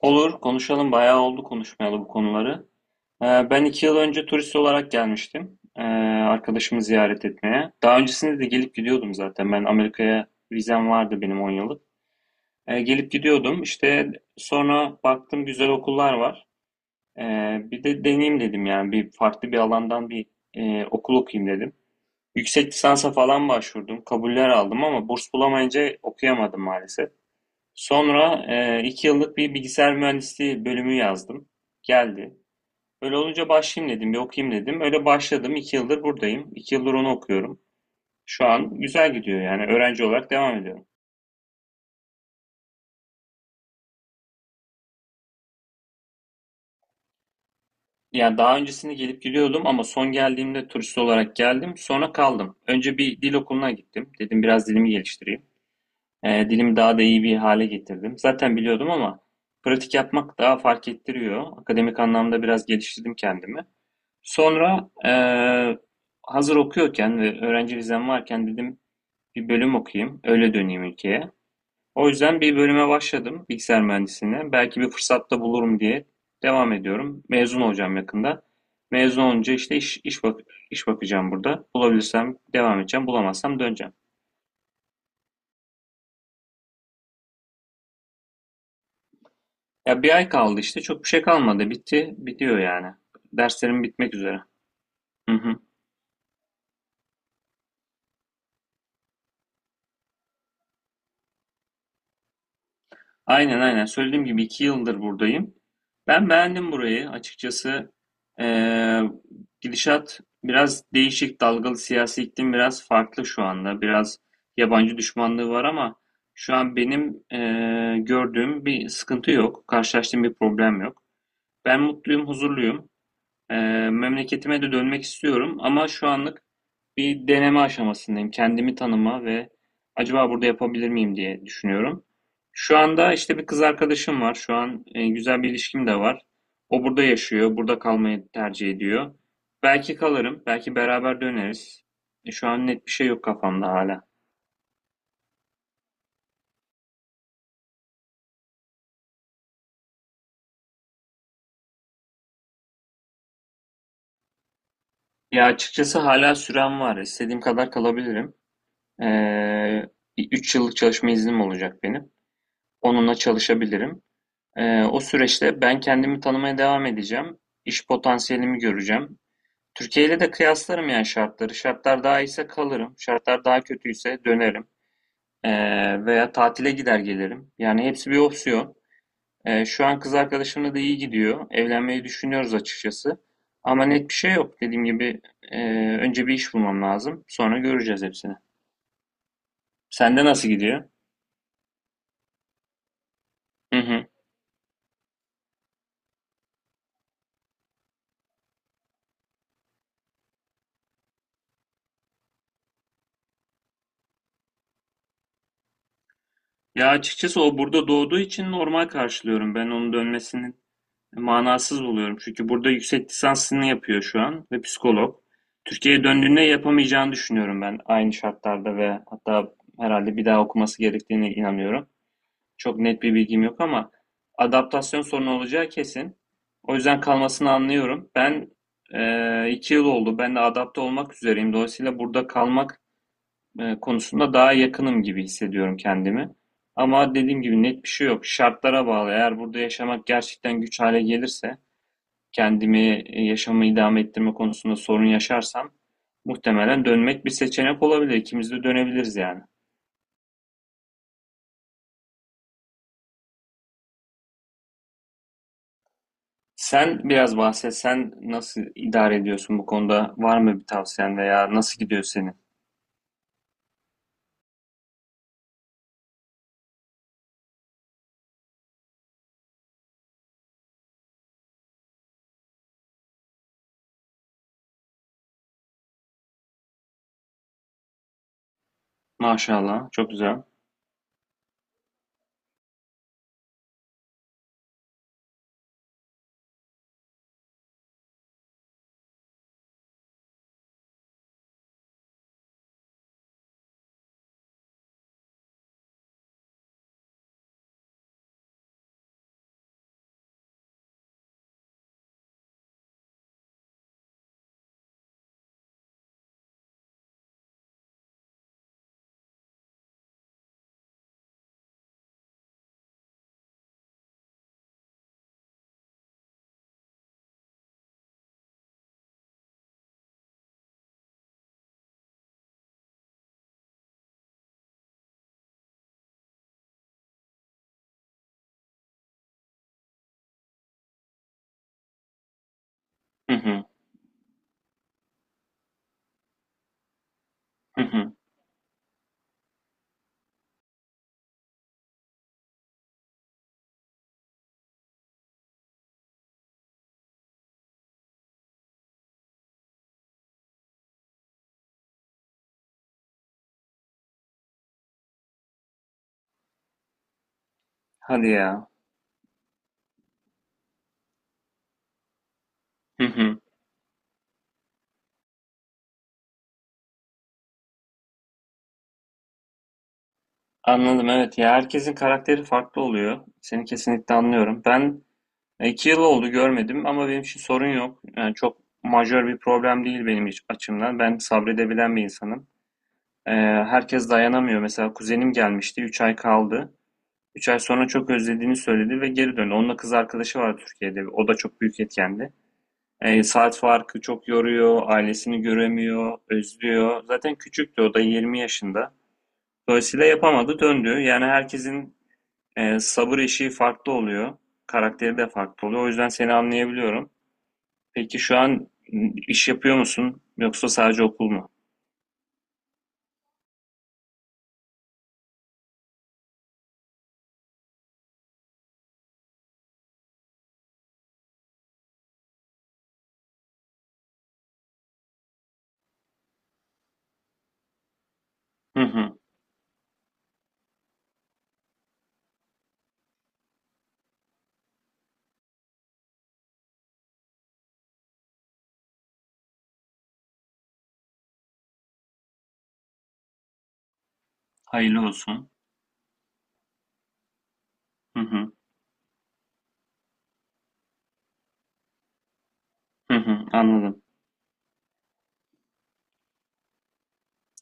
Olur, konuşalım. Bayağı oldu konuşmayalı bu konuları. Ben 2 yıl önce turist olarak gelmiştim. Arkadaşımı ziyaret etmeye. Daha öncesinde de gelip gidiyordum zaten. Ben Amerika'ya vizem vardı benim 10 yıllık. Gelip gidiyordum. İşte sonra baktım güzel okullar var. Bir de deneyim dedim yani. Bir farklı bir alandan bir okul okuyayım dedim. Yüksek lisansa falan başvurdum. Kabuller aldım ama burs bulamayınca okuyamadım maalesef. Sonra 2 yıllık bir bilgisayar mühendisliği bölümü yazdım. Geldi. Öyle olunca başlayayım dedim, bir okuyayım dedim. Öyle başladım. 2 yıldır buradayım. 2 yıldır onu okuyorum. Şu an güzel gidiyor yani öğrenci olarak devam ediyorum. Yani daha öncesinde gelip gidiyordum ama son geldiğimde turist olarak geldim. Sonra kaldım. Önce bir dil okuluna gittim. Dedim biraz dilimi geliştireyim. Dilimi daha da iyi bir hale getirdim. Zaten biliyordum ama pratik yapmak daha fark ettiriyor. Akademik anlamda biraz geliştirdim kendimi. Sonra hazır okuyorken ve öğrenci vizem varken dedim bir bölüm okuyayım, öyle döneyim ülkeye. O yüzden bir bölüme başladım bilgisayar mühendisliğine. Belki bir fırsatta bulurum diye devam ediyorum. Mezun olacağım yakında. Mezun olunca işte bak iş bakacağım burada. Bulabilirsem devam edeceğim, bulamazsam döneceğim. Ya bir ay kaldı işte, çok bir şey kalmadı. Bitti, bitiyor yani. Derslerim bitmek üzere. Hı hı. Aynen aynen. Söylediğim gibi 2 yıldır buradayım. Ben beğendim burayı. Açıkçası eee, gidişat biraz değişik, dalgalı siyasi iklim biraz farklı şu anda. Biraz yabancı düşmanlığı var ama şu an benim gördüğüm bir sıkıntı yok. Karşılaştığım bir problem yok. Ben mutluyum, huzurluyum. Memleketime de dönmek istiyorum ama şu anlık bir deneme aşamasındayım. Kendimi tanıma ve acaba burada yapabilir miyim diye düşünüyorum. Şu anda işte bir kız arkadaşım var. Şu an güzel bir ilişkim de var. O burada yaşıyor, burada kalmayı tercih ediyor. Belki kalırım, belki beraber döneriz. Şu an net bir şey yok kafamda hala. Ya açıkçası hala sürem var. İstediğim kadar kalabilirim. Eee, bir yıllık çalışma iznim olacak benim. Onunla çalışabilirim. O süreçte ben kendimi tanımaya devam edeceğim. İş potansiyelimi göreceğim. Türkiye ile de kıyaslarım yani şartları. Şartlar daha iyiyse kalırım. Şartlar daha kötüyse dönerim. Veya tatile gider gelirim. Yani hepsi bir opsiyon. Şu an kız arkadaşımla da iyi gidiyor. Evlenmeyi düşünüyoruz açıkçası. Ama net bir şey yok. Dediğim gibi önce bir iş bulmam lazım. Sonra göreceğiz hepsini. Sende nasıl gidiyor? Hı hı. Ya açıkçası o burada doğduğu için normal karşılıyorum. Ben onun dönmesini manasız buluyorum. Çünkü burada yüksek lisansını yapıyor şu an ve psikolog. Türkiye'ye döndüğünde yapamayacağını düşünüyorum ben aynı şartlarda ve hatta herhalde bir daha okuması gerektiğine inanıyorum. Çok net bir bilgim yok ama adaptasyon sorunu olacağı kesin. O yüzden kalmasını anlıyorum. Ben 2 yıl oldu. Ben de adapte olmak üzereyim. Dolayısıyla burada kalmak konusunda daha yakınım gibi hissediyorum kendimi. Ama dediğim gibi net bir şey yok. Şartlara bağlı. Eğer burada yaşamak gerçekten güç hale gelirse kendimi, yaşamı idame ettirme konusunda sorun yaşarsam muhtemelen dönmek bir seçenek olabilir. İkimiz de dönebiliriz yani. Sen biraz bahset. Sen nasıl idare ediyorsun bu konuda? Var mı bir tavsiyen veya nasıl gidiyor senin? Maşallah. Çok güzel. Hı hı. Hı hı. Hadi ya. Hı hı. Anladım, evet ya, herkesin karakteri farklı oluyor. Seni kesinlikle anlıyorum. Ben iki yıl oldu görmedim ama benim için sorun yok. Yani çok majör bir problem değil benim açımdan. Ben sabredebilen bir insanım. Ee, herkes dayanamıyor. Mesela kuzenim gelmişti. 3 ay kaldı. 3 ay sonra çok özlediğini söyledi ve geri döndü. Onunla kız arkadaşı var Türkiye'de. O da çok büyük etkendi. Saat farkı çok yoruyor. Ailesini göremiyor. Özlüyor. Zaten küçüktü. O da 20 yaşında. Dolayısıyla yapamadı. Döndü. Yani herkesin sabır eşiği farklı oluyor. Karakteri de farklı oluyor. O yüzden seni anlayabiliyorum. Peki şu an iş yapıyor musun? Yoksa sadece okul mu? Hı hı. Hayırlı olsun. Hı hı. Hı hı. Anladım.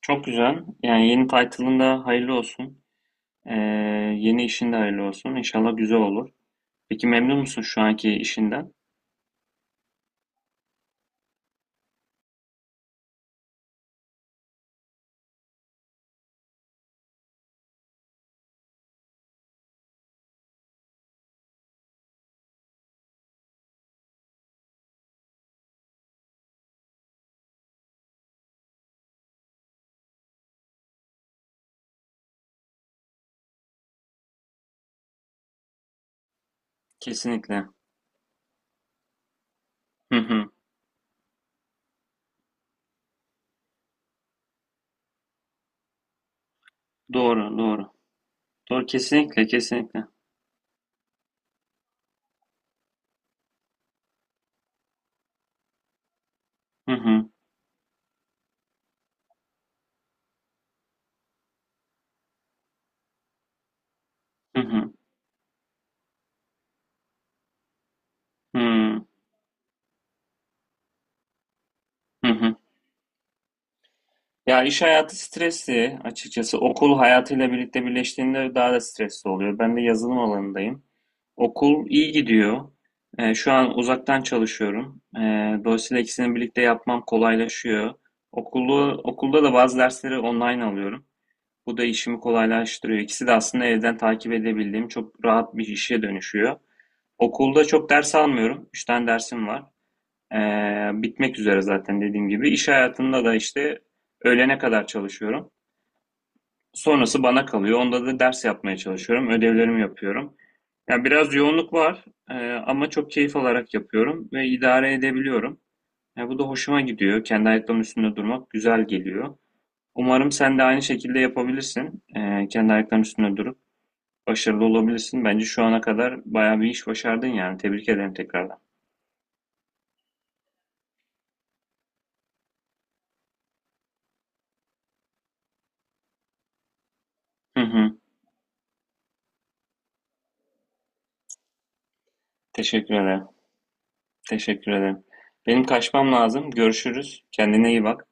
Çok güzel. Yani yeni title'ın da hayırlı olsun. Ee, yeni işin de hayırlı olsun. İnşallah güzel olur. Peki memnun musun şu anki işinden? Kesinlikle. Hı hı. Doğru, doğru. Doğru, kesinlikle, kesinlikle. Hı hı. Hı hı. Hı hı. Hı hı. Ya iş hayatı stresli açıkçası. Okul hayatıyla birlikte birleştiğinde daha da stresli oluyor. Ben de yazılım alanındayım. Okul iyi gidiyor. Şu an uzaktan çalışıyorum. Dolayısıyla ikisini birlikte yapmam kolaylaşıyor. Okulda da bazı dersleri online alıyorum. Bu da işimi kolaylaştırıyor. İkisi de aslında evden takip edebildiğim çok rahat bir işe dönüşüyor. Okulda çok ders almıyorum. Üç tane dersim var. Bitmek üzere zaten dediğim gibi. İş hayatında da işte öğlene kadar çalışıyorum. Sonrası bana kalıyor. Onda da ders yapmaya çalışıyorum. Ödevlerimi yapıyorum. Yani biraz yoğunluk var ama çok keyif alarak yapıyorum ve idare edebiliyorum. Yani bu da hoşuma gidiyor. Kendi ayaklarımın üstünde durmak güzel geliyor. Umarım sen de aynı şekilde yapabilirsin. Kendi ayaklarının üstünde durup başarılı olabilirsin. Bence şu ana kadar bayağı bir iş başardın yani. Tebrik ederim tekrardan. Hı hı. Teşekkür ederim. Teşekkür ederim. Benim kaçmam lazım. Görüşürüz. Kendine iyi bak.